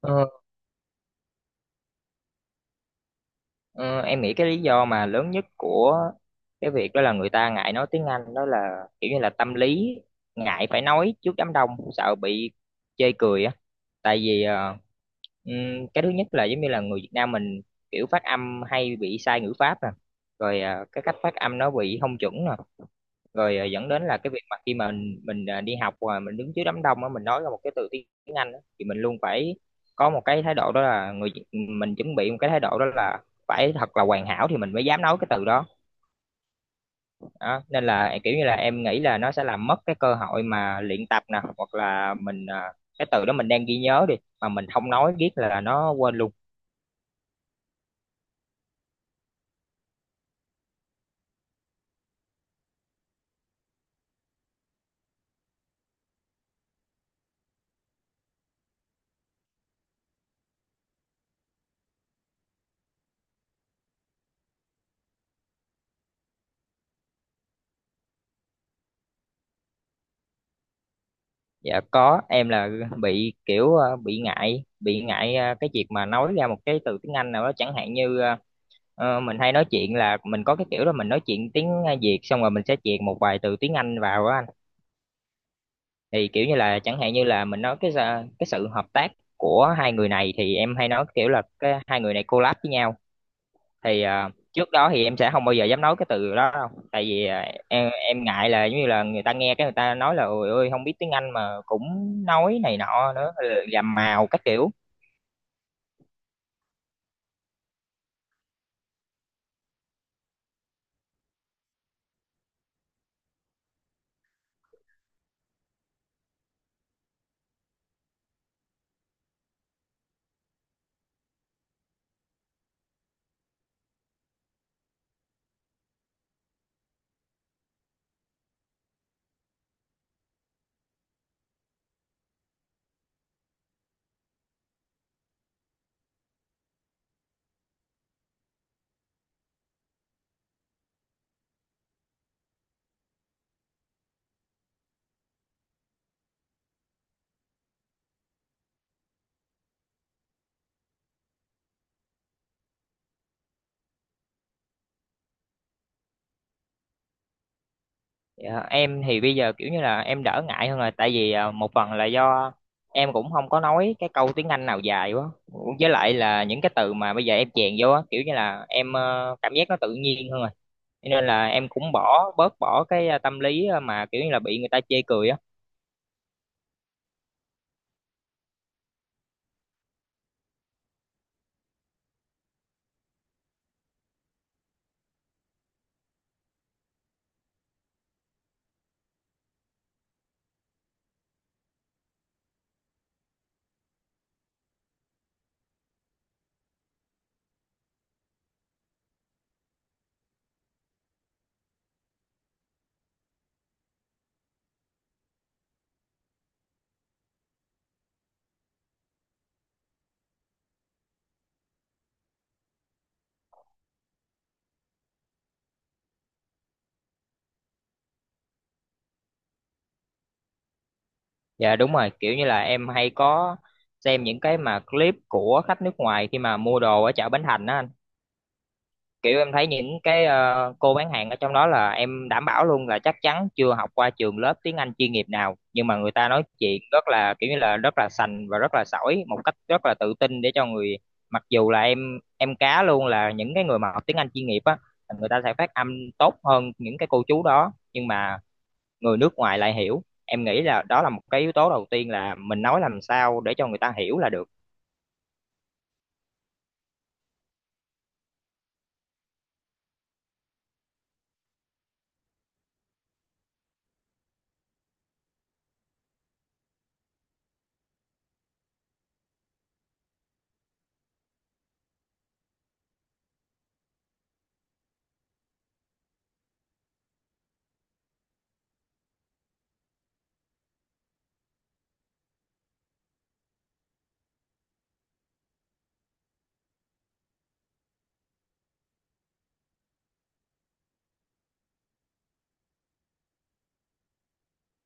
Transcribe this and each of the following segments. Ờ, ờ, em nghĩ cái lý do mà lớn nhất của cái việc đó là người ta ngại nói tiếng Anh đó là kiểu như là tâm lý ngại phải nói trước đám đông, sợ bị chê cười á. Tại vì cái thứ nhất là giống như là người Việt Nam mình kiểu phát âm hay bị sai ngữ pháp nè, rồi cái cách phát âm nó bị không chuẩn nè, rồi dẫn đến là cái việc mà khi mà mình đi học và mình đứng trước đám đông á, mình nói ra một cái từ tiếng Anh á, thì mình luôn phải có một cái thái độ, đó là người mình chuẩn bị một cái thái độ đó là phải thật là hoàn hảo thì mình mới dám nói cái từ đó, đó. Nên là kiểu như là em nghĩ là nó sẽ làm mất cái cơ hội mà luyện tập nè, hoặc là mình cái từ đó mình đang ghi nhớ đi mà mình không nói riết là nó quên luôn. Dạ có, em là bị kiểu bị ngại cái việc mà nói ra một cái từ tiếng Anh nào đó, chẳng hạn như mình hay nói chuyện là mình có cái kiểu là mình nói chuyện tiếng Việt xong rồi mình sẽ chèn một vài từ tiếng Anh vào á anh. Thì kiểu như là chẳng hạn như là mình nói cái sự hợp tác của hai người này thì em hay nói kiểu là cái hai người này collab với nhau. Thì trước đó thì em sẽ không bao giờ dám nói cái từ đó đâu, tại vì em ngại là giống như là người ta nghe cái người ta nói là ôi ơi, không biết tiếng Anh mà cũng nói này nọ nữa, làm màu các kiểu. Dạ, em thì bây giờ kiểu như là em đỡ ngại hơn rồi, tại vì một phần là do em cũng không có nói cái câu tiếng Anh nào dài quá, với lại là những cái từ mà bây giờ em chèn vô á, kiểu như là em cảm giác nó tự nhiên hơn rồi. Cho nên là em cũng bỏ cái tâm lý mà kiểu như là bị người ta chê cười á. Dạ đúng rồi, kiểu như là em hay có xem những cái mà clip của khách nước ngoài khi mà mua đồ ở chợ Bến Thành á anh. Kiểu em thấy những cái cô bán hàng ở trong đó là em đảm bảo luôn là chắc chắn chưa học qua trường lớp tiếng Anh chuyên nghiệp nào, nhưng mà người ta nói chuyện rất là kiểu như là rất là sành và rất là sỏi một cách rất là tự tin để cho người. Mặc dù là em cá luôn là những cái người mà học tiếng Anh chuyên nghiệp á, người ta sẽ phát âm tốt hơn những cái cô chú đó, nhưng mà người nước ngoài lại hiểu. Em nghĩ là đó là một cái yếu tố đầu tiên là mình nói làm sao để cho người ta hiểu là được.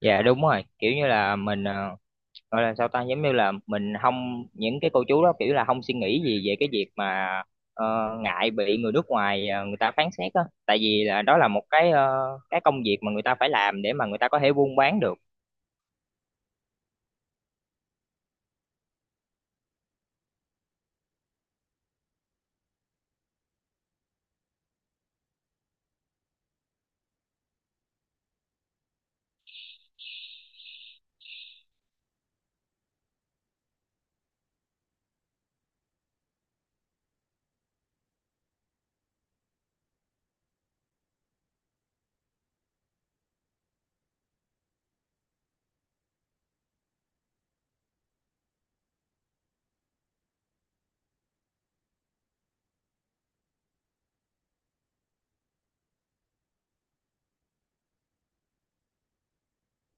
Dạ đúng rồi, kiểu như là mình gọi là sao ta, giống như là mình không, những cái cô chú đó kiểu là không suy nghĩ gì về cái việc mà ờ, ngại bị người nước ngoài người ta phán xét á, tại vì là đó là một cái cái công việc mà người ta phải làm để mà người ta có thể buôn bán được.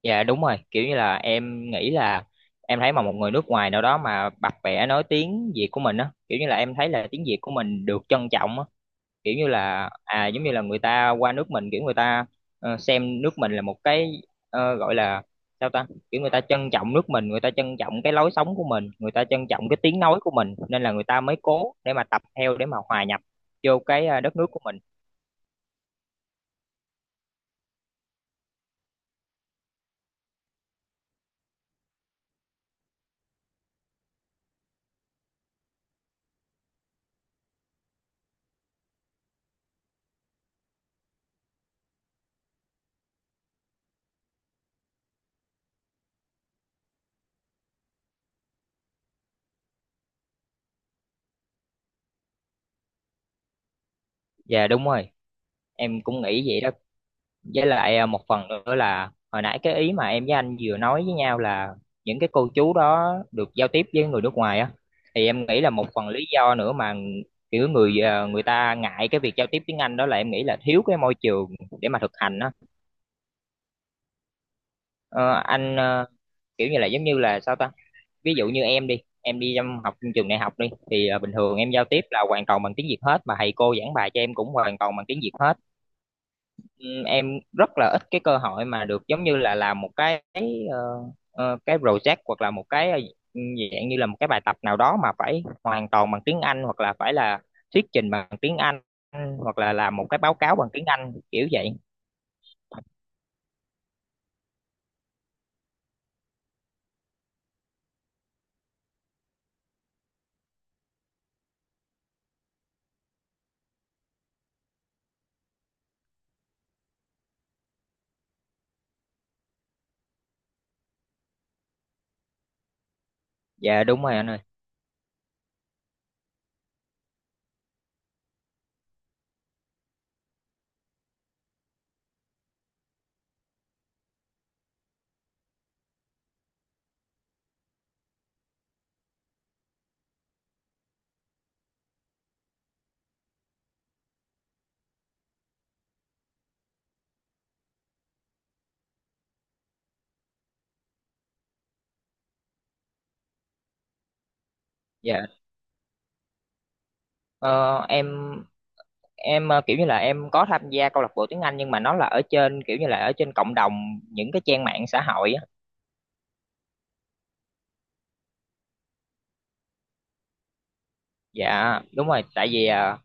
Dạ đúng rồi, kiểu như là em nghĩ là em thấy mà một người nước ngoài nào đó mà bập bẹ nói tiếng Việt của mình á, kiểu như là em thấy là tiếng Việt của mình được trân trọng á. Kiểu như là à, giống như là người ta qua nước mình, kiểu người ta xem nước mình là một cái gọi là sao ta, kiểu người ta trân trọng nước mình, người ta trân trọng cái lối sống của mình, người ta trân trọng cái tiếng nói của mình, nên là người ta mới cố để mà tập theo để mà hòa nhập vô cái đất nước của mình. Dạ đúng rồi, em cũng nghĩ vậy đó. Với lại một phần nữa là hồi nãy cái ý mà em với anh vừa nói với nhau là những cái cô chú đó được giao tiếp với người nước ngoài á, thì em nghĩ là một phần lý do nữa mà kiểu người người ta ngại cái việc giao tiếp tiếng Anh đó là em nghĩ là thiếu cái môi trường để mà thực hành á. Ờ, anh ờ, kiểu như là giống như là sao ta, ví dụ như em đi trong học trường đại học đi thì à, bình thường em giao tiếp là hoàn toàn bằng tiếng Việt hết, mà thầy cô giảng bài cho em cũng hoàn toàn bằng tiếng Việt hết. Ừ, em rất là ít cái cơ hội mà được giống như là làm một cái ờ, cái project hoặc là một cái dạng như là một cái bài tập nào đó mà phải hoàn toàn bằng tiếng Anh, hoặc là phải là thuyết trình bằng tiếng Anh, hoặc là làm một cái báo cáo bằng tiếng Anh kiểu vậy. Dạ đúng rồi anh ơi. Dạ. Ờ, em kiểu như là em có tham gia câu lạc bộ tiếng Anh, nhưng mà nó là ở trên kiểu như là ở trên cộng đồng những cái trang mạng xã hội á. Dạ đúng rồi, tại vì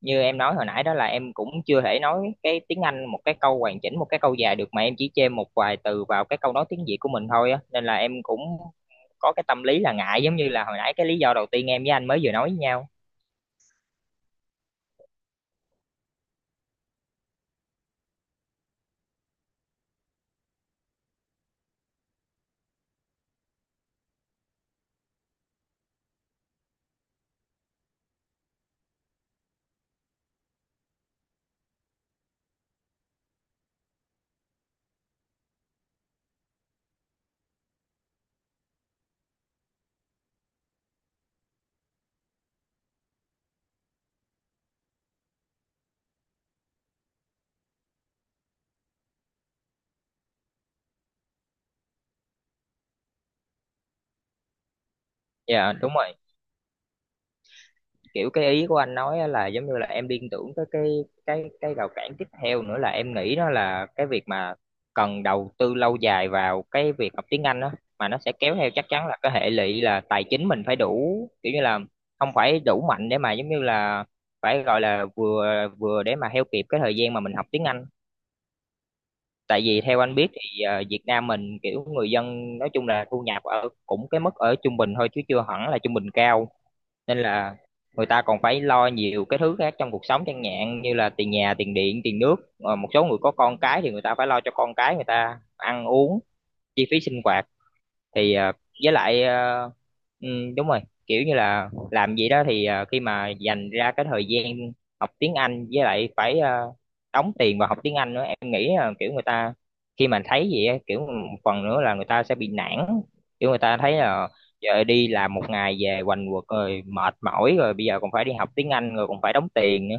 như em nói hồi nãy đó là em cũng chưa thể nói cái tiếng Anh một cái câu hoàn chỉnh, một cái câu dài được, mà em chỉ chêm một vài từ vào cái câu nói tiếng Việt của mình thôi á, nên là em cũng có cái tâm lý là ngại, giống như là hồi nãy cái lý do đầu tiên em với anh mới vừa nói với nhau. Dạ đúng rồi, kiểu cái ý của anh nói á là giống như là em liên tưởng tới cái rào cản tiếp theo nữa là em nghĩ đó là cái việc mà cần đầu tư lâu dài vào cái việc học tiếng Anh đó, mà nó sẽ kéo theo chắc chắn là cái hệ lụy là tài chính mình phải đủ, kiểu như là không phải đủ mạnh để mà giống như là phải gọi là vừa vừa để mà theo kịp cái thời gian mà mình học tiếng Anh. Tại vì theo anh biết thì Việt Nam mình kiểu người dân nói chung là thu nhập ở cũng cái mức ở trung bình thôi, chứ chưa hẳn là trung bình cao. Nên là người ta còn phải lo nhiều cái thứ khác trong cuộc sống, chẳng hạn như là tiền nhà, tiền điện, tiền nước. Ờ, một số người có con cái thì người ta phải lo cho con cái người ta ăn uống, chi phí sinh hoạt. Thì ờ, với lại ờ, ừ, đúng rồi, kiểu như là làm gì đó thì khi mà dành ra cái thời gian học tiếng Anh với lại phải đóng tiền vào học tiếng Anh nữa, em nghĩ là kiểu người ta khi mà thấy vậy á, kiểu một phần nữa là người ta sẽ bị nản, kiểu người ta thấy là giờ đi làm một ngày về quành quật rồi mệt mỏi rồi, bây giờ còn phải đi học tiếng Anh rồi còn phải đóng tiền nữa.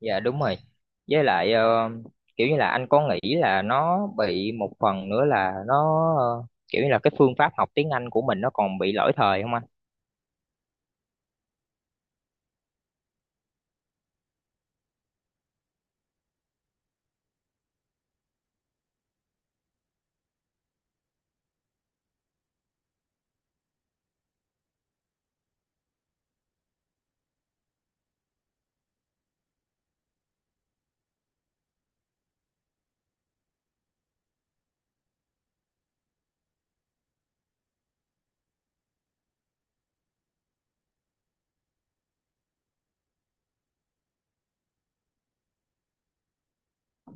Dạ đúng rồi. Với lại kiểu như là anh có nghĩ là nó bị một phần nữa là nó kiểu như là cái phương pháp học tiếng Anh của mình nó còn bị lỗi thời không anh?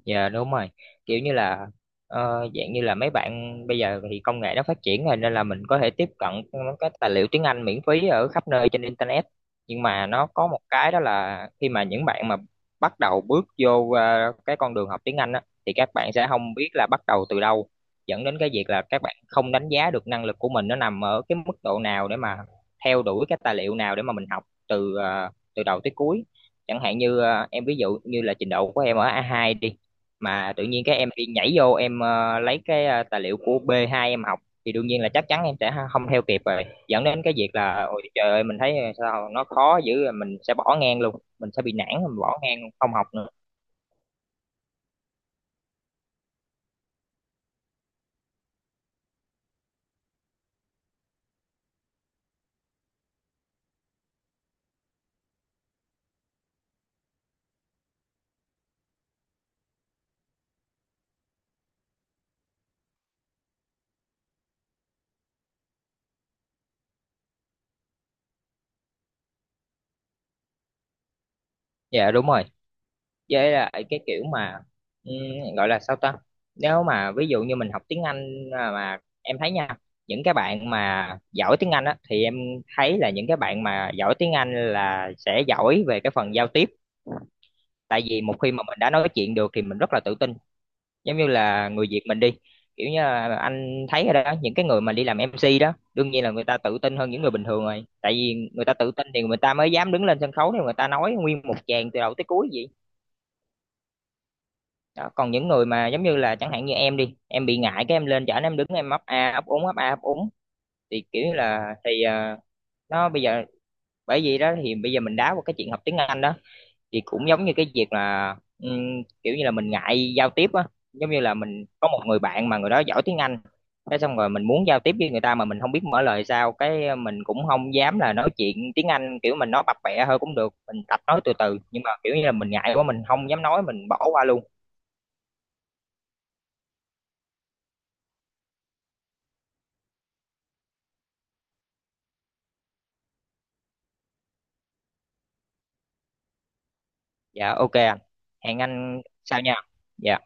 Dạ đúng rồi, kiểu như là dạng như là mấy bạn bây giờ thì công nghệ nó phát triển rồi nên là mình có thể tiếp cận các tài liệu tiếng Anh miễn phí ở khắp nơi trên internet. Nhưng mà nó có một cái đó là khi mà những bạn mà bắt đầu bước vô cái con đường học tiếng Anh á, thì các bạn sẽ không biết là bắt đầu từ đâu, dẫn đến cái việc là các bạn không đánh giá được năng lực của mình nó nằm ở cái mức độ nào để mà theo đuổi cái tài liệu nào để mà mình học từ từ đầu tới cuối. Chẳng hạn như em ví dụ như là trình độ của em ở A2 đi, mà tự nhiên cái em đi nhảy vô em lấy cái tài liệu của B2 em học, thì đương nhiên là chắc chắn em sẽ không theo kịp rồi, dẫn đến cái việc là ôi trời ơi, mình thấy sao nó khó dữ rồi, mình sẽ bỏ ngang luôn, mình sẽ bị nản, mình bỏ ngang luôn, không học nữa. Dạ đúng rồi. Với lại cái kiểu mà ừm, gọi là sao ta, nếu mà ví dụ như mình học tiếng Anh à, mà em thấy nha, những cái bạn mà giỏi tiếng Anh á thì em thấy là những cái bạn mà giỏi tiếng Anh là sẽ giỏi về cái phần giao tiếp. Tại vì một khi mà mình đã nói chuyện được thì mình rất là tự tin, giống như là người Việt mình đi, kiểu như là anh thấy rồi đó, những cái người mà đi làm MC đó đương nhiên là người ta tự tin hơn những người bình thường rồi, tại vì người ta tự tin thì người ta mới dám đứng lên sân khấu thì người ta nói nguyên một tràng từ đầu tới cuối vậy đó. Còn những người mà giống như là chẳng hạn như em đi em bị ngại cái em lên chở em đứng em ấp a ấp úng ấp a ấp úng thì kiểu như là thì nó bây giờ, bởi vì đó thì bây giờ mình đá qua cái chuyện học tiếng Anh đó, thì cũng giống như cái việc là kiểu như là mình ngại giao tiếp á, giống như là mình có một người bạn mà người đó giỏi tiếng Anh, thế xong rồi mình muốn giao tiếp với người ta mà mình không biết mở lời sao, cái mình cũng không dám là nói chuyện tiếng Anh, kiểu mình nói bập bẹ hơi cũng được mình tập nói từ từ, nhưng mà kiểu như là mình ngại quá mình không dám nói mình bỏ qua luôn. Dạ, ok anh. Hẹn anh sau nha. Dạ.